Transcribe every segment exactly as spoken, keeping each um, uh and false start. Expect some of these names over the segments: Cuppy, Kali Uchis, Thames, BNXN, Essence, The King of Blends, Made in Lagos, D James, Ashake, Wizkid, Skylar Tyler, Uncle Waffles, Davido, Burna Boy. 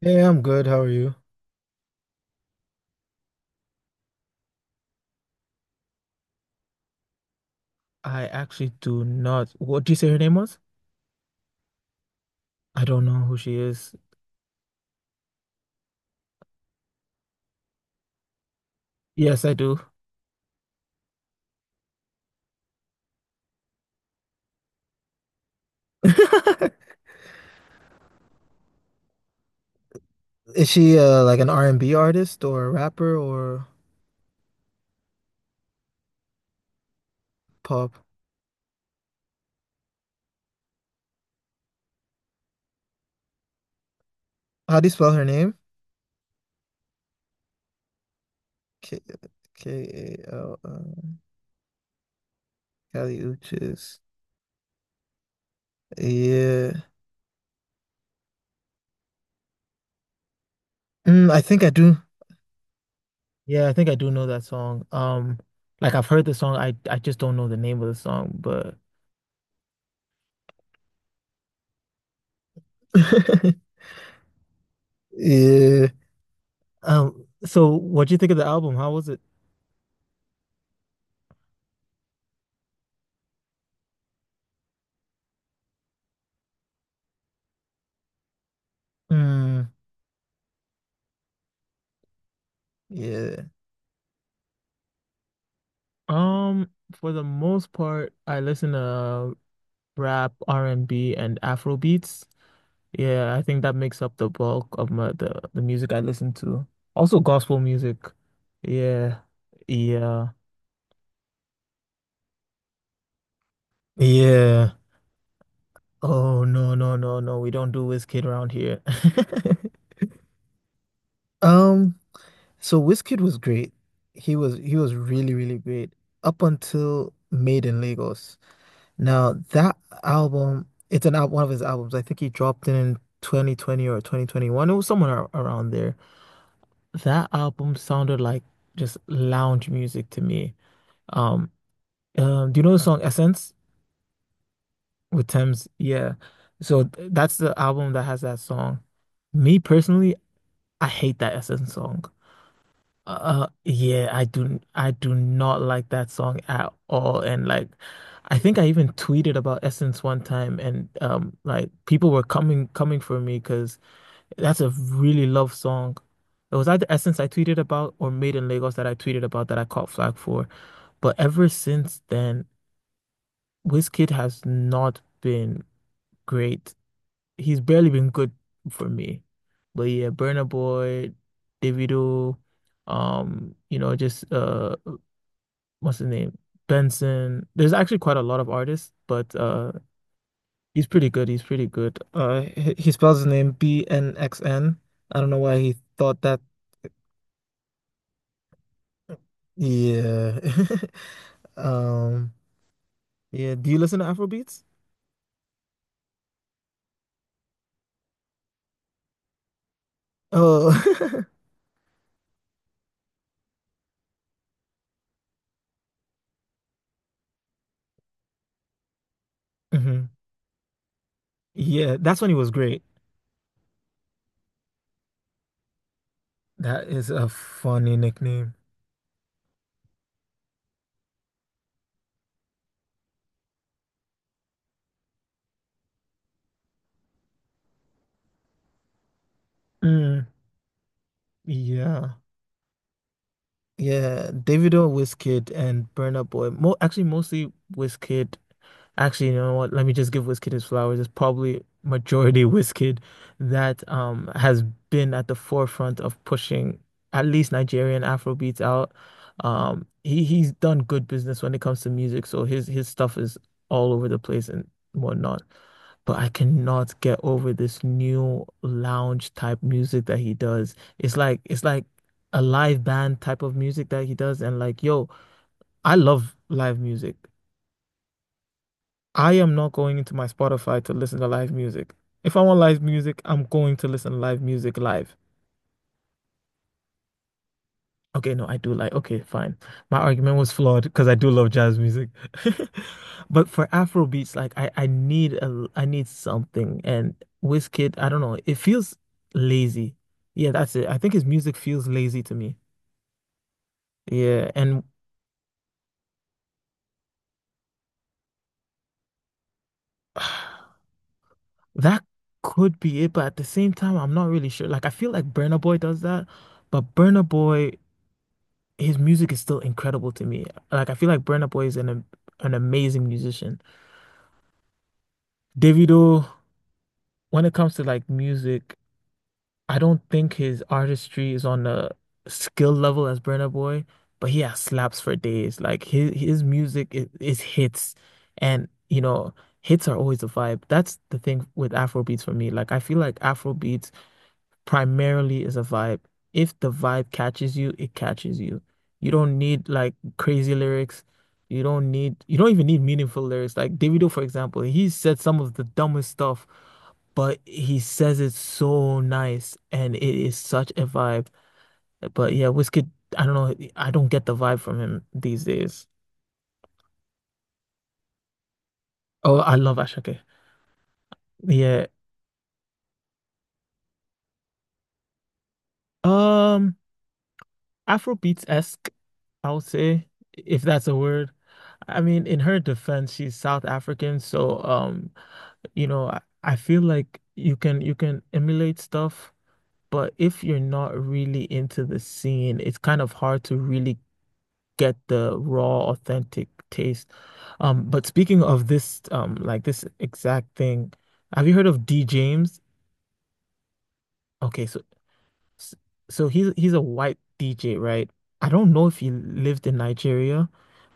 Hey, I'm good. How are you? I actually do not. What do you say her name was? I don't know who she is. Yes, I do. Is she uh like an R and B artist or a rapper or pop? How do you spell her name? K K A L uh, Kali Uchis. Yeah. Mm, I think I do. Yeah, I think I do know that song. Um, like I've heard the song. I I just don't know the name of the song. But yeah. um, so what do you think of the album? How was it? Mm, yeah. Um, for the most part, I listen to rap, R and B, and B, and Afro beats. Yeah, I think that makes up the bulk of my the, the music I listen to. Also gospel music. Yeah. Yeah. Yeah. Oh no, no, no, no. We don't do Wizkid around here. Um, so Wizkid was great. He was he was really, really great up until Made in Lagos. Now that album, it's an al one of his albums. I think he dropped it in twenty twenty or twenty twenty-one. It was somewhere ar- around there. That album sounded like just lounge music to me. Um, um, do you know the song Essence with Thames? Yeah. So th- that's the album that has that song. Me personally, I hate that Essence song. Uh, yeah, I do I do not like that song at all. And like I think I even tweeted about Essence one time and um like people were coming coming for me because that's a really love song. It was either Essence I tweeted about or Made in Lagos that I tweeted about that I caught flag for. But ever since then, Wizkid has not been great. He's barely been good for me. But yeah, Burna Boy, Davido, um, you know, just uh what's his name? Benson. There's actually quite a lot of artists, but uh he's pretty good. He's pretty good. Uh he, he spells his name B N X N. I don't know why he thought that. Yeah. Um yeah, do you listen to Afrobeats? Oh. hmm. Yeah, that's when he was great. That is a funny nickname. Mm, yeah. Yeah, Davido, Wizkid, and Burna Boy. Mo actually, mostly Wizkid. Actually, you know what? Let me just give Wizkid his flowers. It's probably majority Wizkid that um has been at the forefront of pushing at least Nigerian Afrobeats out. Um, he he's done good business when it comes to music, so his his stuff is all over the place and whatnot. But I cannot get over this new lounge type music that he does. It's like it's like a live band type of music that he does. And like, yo, I love live music. I am not going into my Spotify to listen to live music. If I want live music, I'm going to listen to live music live. Okay, no, I do like, okay, fine. My argument was flawed because I do love jazz music. But for Afro beats, like I, I need a I need something. And Wizkid, I don't know, it feels lazy. Yeah, that's it. I think his music feels lazy to me. Yeah, and that could be it, but at the same time, I'm not really sure. Like, I feel like Burna Boy does that, but Burna Boy, his music is still incredible to me. Like, I feel like Burna Boy is an am- an amazing musician. Davido, when it comes to like music, I don't think his artistry is on the skill level as Burna Boy, but he has slaps for days. Like his his music is, is hits, and you know, hits are always a vibe. That's the thing with Afrobeats for me. Like, I feel like Afrobeats primarily is a vibe. If the vibe catches you, it catches you. You don't need like crazy lyrics. You don't need, you don't even need meaningful lyrics. Like Davido, for example, he said some of the dumbest stuff, but he says it so nice and it is such a vibe. But yeah, Wizkid, I don't know, I don't get the vibe from him these days. Oh, I love Ashake. Yeah. Um, Afrobeats-esque. I'll say, if that's a word. I mean, in her defense, she's South African, so um, you know, I, I feel like you can you can emulate stuff, but if you're not really into the scene, it's kind of hard to really get the raw, authentic taste. Um, but speaking of this, um, like this exact thing, have you heard of D James? Okay, so S- So he's he's a white D J, right? I don't know if he lived in Nigeria,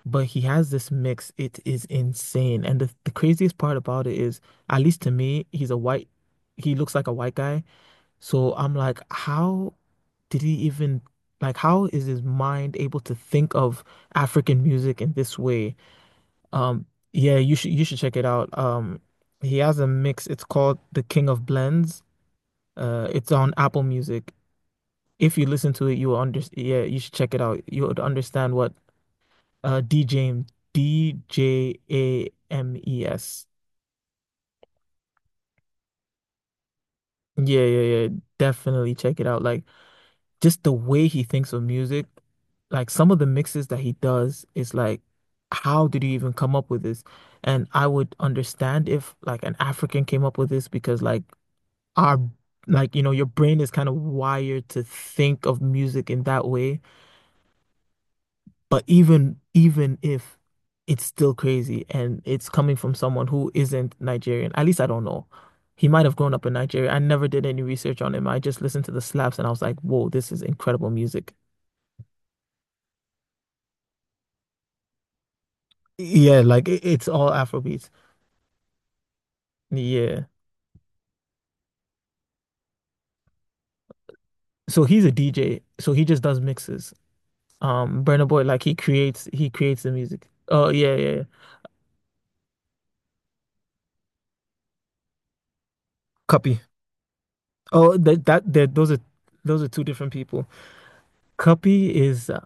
but he has this mix. It is insane. And the, the craziest part about it is, at least to me, he's a white, he looks like a white guy. So I'm like, how did he even like how is his mind able to think of African music in this way? Um, yeah, you should you should check it out. Um, he has a mix. It's called The King of Blends. Uh, it's on Apple Music. If you listen to it, you will under yeah, you should check it out. You would understand what uh DJing D J A M E S. Yeah, yeah, yeah. Definitely check it out. Like just the way he thinks of music, like some of the mixes that he does is like, how did you even come up with this? And I would understand if like an African came up with this because like our like you know your brain is kind of wired to think of music in that way. But even even if it's still crazy and it's coming from someone who isn't Nigerian, at least I don't know. He might have grown up in Nigeria. I never did any research on him. I just listened to the slaps and I was like, whoa, this is incredible music. Yeah, like it- it's all Afrobeats. Yeah. So he's a D J. So he just does mixes. Um, Burna Boy, like he creates he creates the music. Oh yeah, yeah, yeah. Cuppy. Oh, that that that those are those are two different people. Cuppy is uh,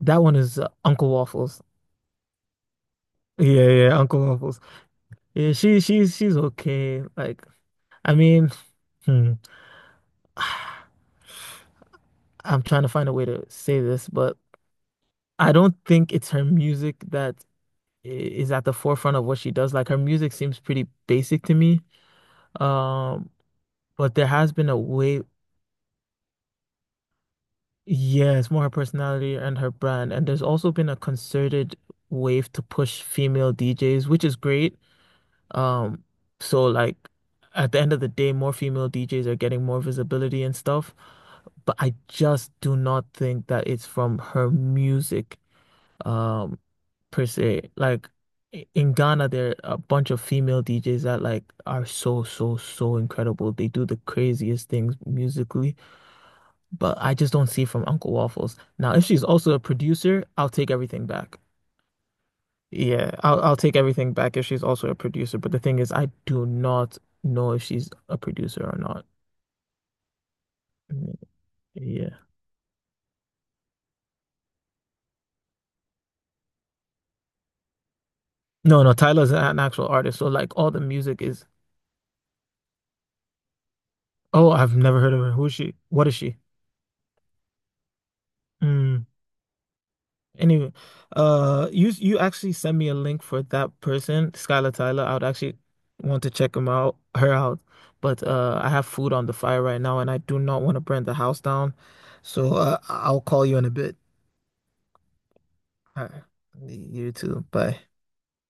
that one is uh, Uncle Waffles. Yeah, yeah, Uncle Waffles. Yeah, she she's she's okay. Like, I mean, hmm, I'm trying to find a way to say this, but I don't think it's her music that i- is at the forefront of what she does. Like, her music seems pretty basic to me. Um, but there has been a way, yeah, it's more her personality and her brand. And there's also been a concerted wave to push female D Js, which is great. Um, so like at the end of the day, more female D Js are getting more visibility and stuff, but I just do not think that it's from her music, um, per se. Like i- in Ghana, there are a bunch of female D Js that like are so, so, so incredible. They do the craziest things musically, but I just don't see it from Uncle Waffles. Now, if she's also a producer, I'll take everything back. Yeah, I'll I'll take everything back if she's also a producer. But the thing is, I do not know if she's a producer or not. Mm, yeah. No, no, Tyler's an actual artist. So like all the music is oh, I've never heard of her. Who is she? What is she? Mm. Anyway, uh you you actually send me a link for that person, Skylar Tyler. I would actually want to check him out, her out. But uh I have food on the fire right now and I do not want to burn the house down. So uh, I'll call you in a bit. All right. You too. Bye.